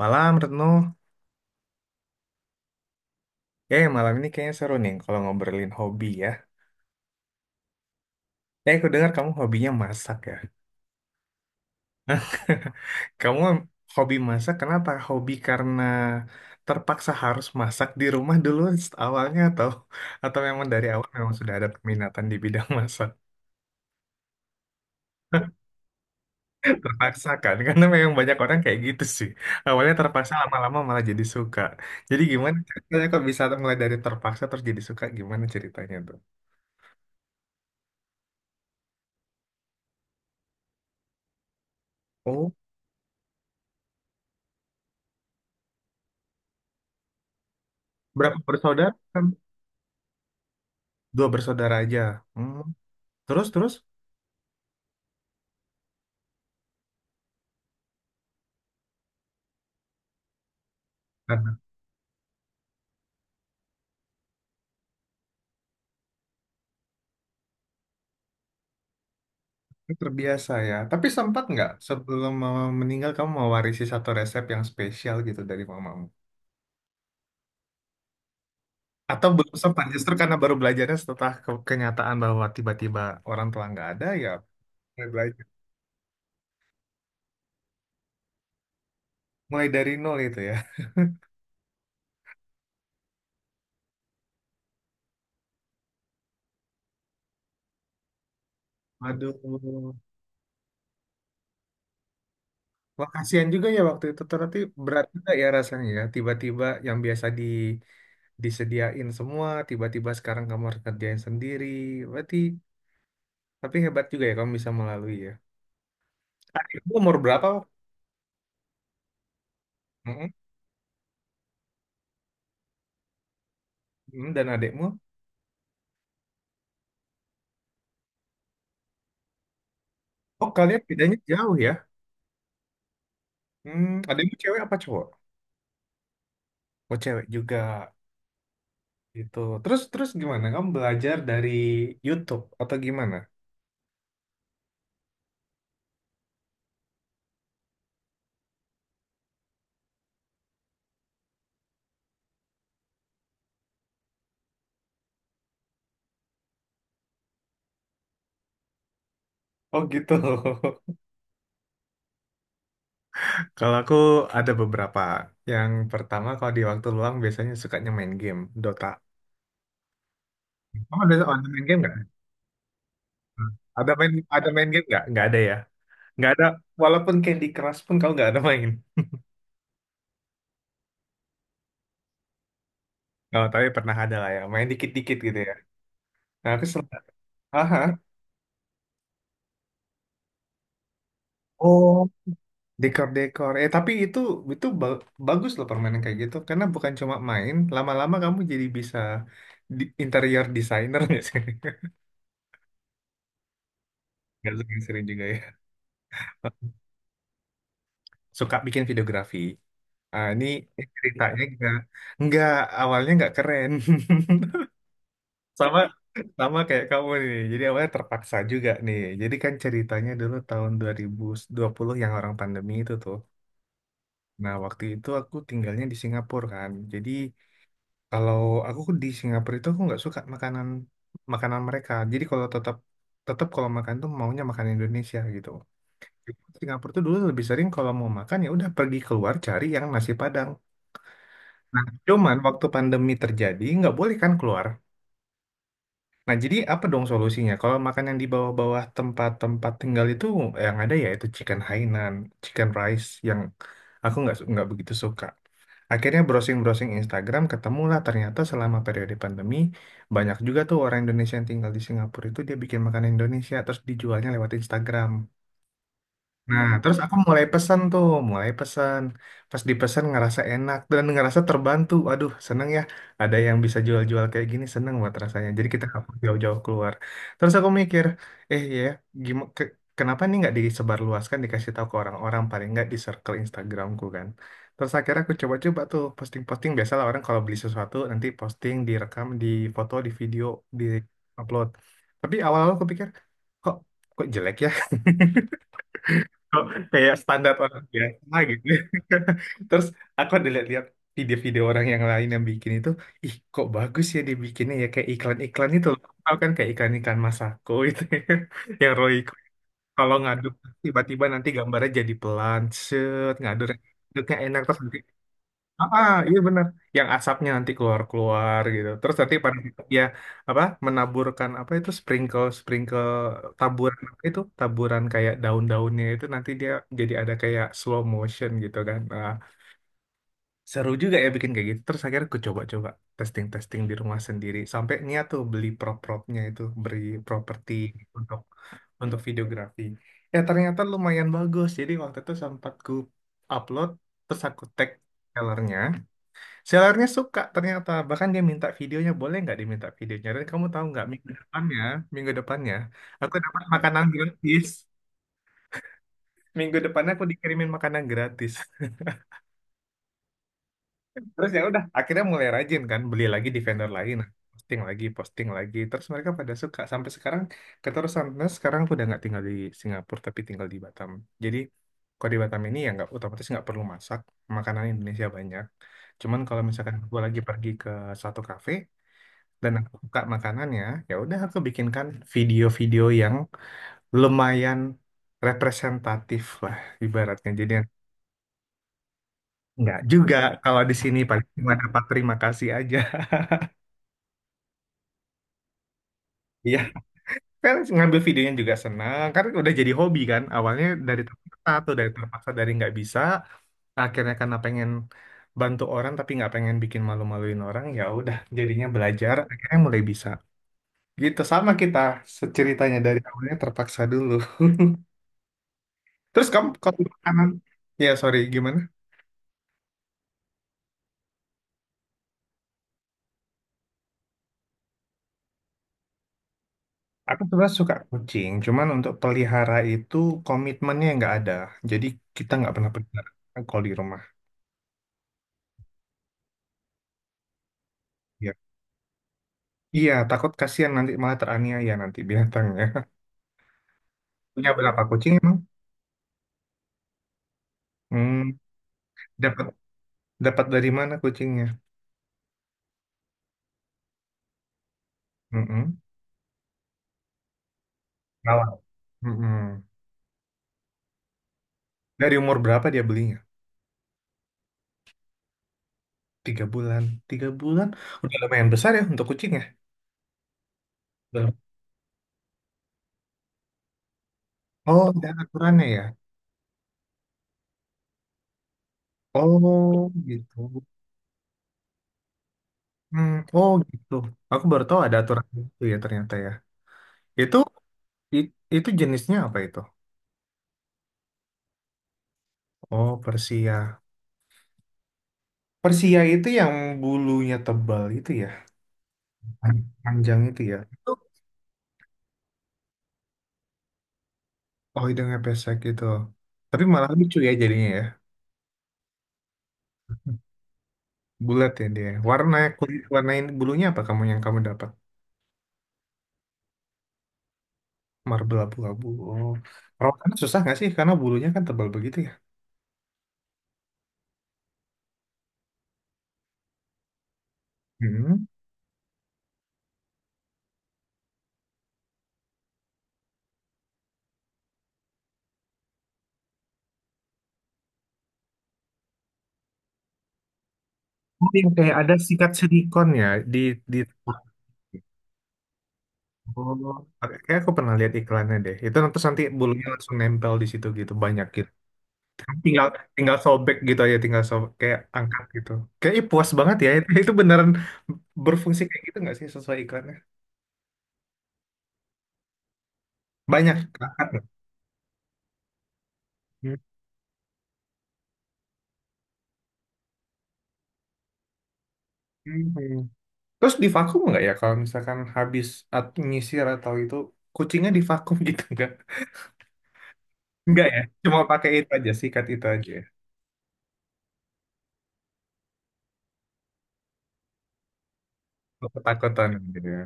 Malam, Retno. Eh, malam ini kayaknya seru nih kalau ngobrolin hobi ya. Eh, aku dengar kamu hobinya masak ya. Kamu hobi masak, kenapa? Hobi karena terpaksa harus masak di rumah dulu awalnya atau memang dari awal memang sudah ada peminatan di bidang masak? Terpaksa, kan? Karena memang banyak orang kayak gitu, sih. Awalnya terpaksa, lama-lama malah jadi suka. Jadi gimana ceritanya kok bisa mulai dari terpaksa terus jadi suka? Gimana ceritanya tuh? Oh, berapa bersaudara? 2 bersaudara aja. Hmm. Terus, terus? Karena terbiasa, ya. Tapi sempat nggak sebelum mama meninggal kamu mewarisi satu resep yang spesial gitu dari mamamu? Atau belum sempat justru karena baru belajarnya setelah kenyataan bahwa tiba-tiba orang tua nggak ada, ya mulai belajar. Mulai dari nol itu, ya. Aduh. Wah, kasihan juga ya waktu itu. Ternyata berat juga ya rasanya ya. Tiba-tiba yang biasa disediain semua, tiba-tiba sekarang kamu harus kerjain sendiri. Berarti, tapi hebat juga ya kamu bisa melalui, ya. Adikmu umur berapa? Mm-mm. Mm, dan adikmu? Oh, kalian bedanya jauh ya? Hmm, adikmu cewek apa cowok? Oh, cewek juga. Gitu. Terus terus gimana? Kamu belajar dari YouTube atau gimana? Oh, gitu. Kalau aku ada beberapa. Yang pertama kalau di waktu luang biasanya sukanya main game, Dota. Kamu ada main game nggak? Ada main game nggak? Nggak ada ya? Nggak ada. Walaupun Candy Crush pun kamu nggak ada main. Oh, tapi pernah ada lah ya. Main dikit-dikit gitu ya. Nah, aku selalu Aha. Oh. Dekor-dekor. Eh, tapi itu itu bagus loh permainan kayak gitu karena bukan cuma main, lama-lama kamu jadi bisa interior designer ya sih. Gak suka sering juga ya. Suka bikin videografi. Ah, ini ceritanya enggak awalnya nggak keren. Sama sama kayak kamu nih. Jadi awalnya terpaksa juga nih. Jadi kan ceritanya dulu tahun dua dua ribu dua puluh yang orang pandemi itu tuh. Nah, waktu itu aku tinggalnya di Singapura kan. Jadi, kalau aku di Singapura itu aku nggak suka makanan makanan mereka. Jadi kalau tetap tetap kalau makan tuh maunya makan Indonesia gitu. Singapura tuh dulu lebih sering kalau mau makan ya udah pergi keluar cari yang nasi Padang. Nah, cuman waktu pandemi terjadi nggak boleh kan keluar. Nah, jadi apa dong solusinya? Kalau makan yang di bawah-bawah tempat-tempat tinggal itu yang ada ya itu chicken Hainan, chicken rice yang aku nggak nggak begitu suka. Akhirnya browsing-browsing Instagram ketemulah ternyata selama periode pandemi banyak juga tuh orang Indonesia yang tinggal di Singapura itu dia bikin makanan Indonesia terus dijualnya lewat Instagram. Nah, terus aku mulai pesan tuh, mulai pesan. Pas dipesan ngerasa enak dan ngerasa terbantu. Aduh, seneng ya. Ada yang bisa jual-jual kayak gini, seneng buat rasanya. Jadi kita nggak perlu jauh-jauh keluar. Terus aku mikir, eh iya ya, gimana, kenapa nih nggak disebarluaskan, dikasih tahu ke orang-orang, paling nggak di circle Instagramku kan. Terus akhirnya aku coba-coba tuh posting-posting. Biasalah orang kalau beli sesuatu, nanti posting, direkam, di foto, di video, di upload. Tapi awal-awal aku pikir, kok kok jelek ya, kok kayak standar orang biasa gitu. Terus aku ada lihat-lihat video-video orang yang lain yang bikin itu, ih kok bagus ya dibikinnya ya kayak iklan-iklan itu loh. Tau kan kayak iklan-iklan Masako itu ya. Yang Royco kalau ngaduk tiba-tiba nanti gambarnya jadi pelan, set, ngaduk ngaduknya enak terus Ah, ah, iya benar. Yang asapnya nanti keluar-keluar gitu. Terus nanti pada ya apa menaburkan apa itu sprinkle sprinkle taburan apa itu taburan kayak daun-daunnya itu nanti dia jadi ada kayak slow motion gitu kan. Ah, seru juga ya bikin kayak gitu. Terus akhirnya aku coba-coba testing-testing di rumah sendiri sampai niat tuh beli prop-propnya itu properti untuk untuk videografi. Ya ternyata lumayan bagus. Jadi waktu itu sempat ku upload terus aku tag sellernya. Sellernya suka ternyata. Bahkan dia minta videonya. Boleh nggak diminta videonya? Dan kamu tahu nggak minggu depannya, minggu depannya, aku dapat makanan gratis. Minggu depannya aku dikirimin makanan gratis. Terus ya udah, akhirnya mulai rajin kan. Beli lagi di vendor lain. Posting lagi, posting lagi. Terus mereka pada suka. Sampai sekarang keterusan. Nah, sekarang aku udah nggak tinggal di Singapura, tapi tinggal di Batam. Jadi kalau di Batam ini ya nggak otomatis nggak perlu masak. Makanan Indonesia banyak. Cuman kalau misalkan gue lagi pergi ke satu kafe, dan aku suka makanannya ya, ya udah aku bikinkan video-video yang lumayan representatif lah ibaratnya. Jadi nggak juga, kalau di sini paling cuma dapat terima kasih aja. Iya, kan ngambil videonya juga senang karena udah jadi hobi kan. Awalnya dari terpaksa atau dari terpaksa dari nggak bisa, akhirnya karena pengen bantu orang tapi nggak pengen bikin malu-maluin orang ya udah jadinya belajar, akhirnya mulai bisa gitu. Sama kita ceritanya, dari awalnya terpaksa dulu. Terus kamu kalau makanan, ya sorry gimana? Aku sebenarnya suka kucing, cuman untuk pelihara itu komitmennya nggak ada. Jadi kita nggak pernah pelihara kalau di rumah. Ya. Iya, takut kasihan nanti malah teraniaya nanti binatangnya. Punya berapa kucing emang? Hmm, dapat dapat dari mana kucingnya? Mm-mm. Kalah. Mm-mm. Dari umur berapa dia belinya? 3 bulan. 3 bulan? Udah lumayan besar ya untuk kucingnya. Udah. Oh, ada aturannya ya? Oh, gitu. Hmm, oh gitu. Aku baru tahu ada aturan itu ya ternyata ya. Itu i- itu jenisnya apa itu? Oh, Persia. Persia itu yang bulunya tebal itu ya. Panjang itu ya. Itu, oh, hidungnya pesek gitu. Tapi malah lucu ya jadinya ya. Bulat ya dia. Warna kulit warnain bulunya apa kamu yang kamu dapat? Marble abu-abu. Oh. Perawatannya susah nggak sih? Karena bulunya kan tebal begitu ya. Hmm. Oh, yang kayak ada sikat silikon ya di di Oh, kayak kayak aku pernah lihat iklannya deh. Itu terus nanti bulunya langsung nempel di situ gitu banyak gitu. Tinggal tinggal sobek gitu aja, tinggal sobek kayak angkat gitu. Kayak ih, puas banget ya. Itu beneran berfungsi kayak gitu nggak sih sesuai iklannya? Banyak angkat. Nggak? Hmm. Terus divakum nggak ya kalau misalkan habis nyisir atau itu kucingnya divakum gitu nggak? Nggak ya, cuma pakai itu aja sikat itu aja, ya? Ketakutan gitu, ya.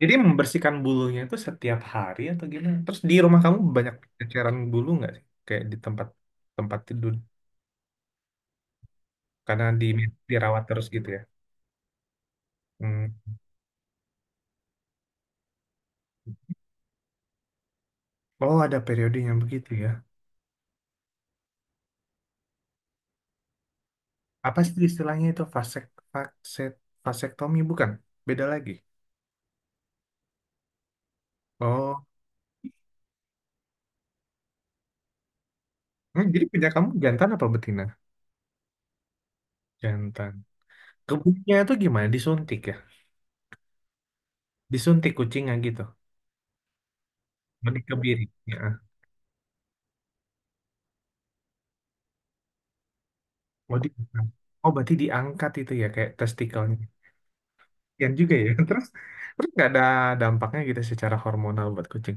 Jadi membersihkan bulunya itu setiap hari atau gimana? Terus di rumah kamu banyak ceceran bulu nggak sih? Kayak di tempat tempat tidur karena dirawat terus gitu ya. Hmm. Oh, ada periodenya begitu ya. Apa sih istilahnya itu vakset vasektomi bukan? Beda lagi. Oh. Hmm, jadi punya kamu jantan apa betina? Jantan. Kebunnya itu gimana? Disuntik ya? Disuntik kucingnya gitu. Mau dikebiri. Ya. Mau di- Oh, berarti diangkat itu ya kayak testikelnya. Kasian juga ya. Terus terus nggak ada dampaknya gitu secara hormonal buat kucing.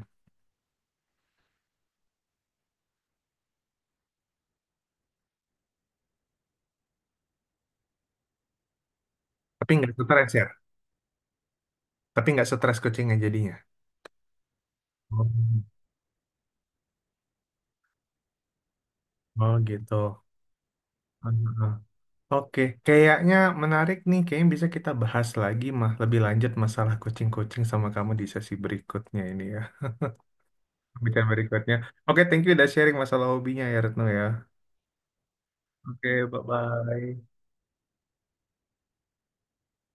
Tapi nggak stres ya. Tapi nggak stres kucingnya jadinya. Oh, oh gitu. Ah, oke, kayaknya menarik nih. Kayaknya bisa kita bahas lagi mah lebih lanjut masalah kucing-kucing sama kamu di sesi berikutnya ini ya. Bicara berikutnya. Oke, thank you udah sharing masalah hobinya ya Retno ya. Oke, bye-bye.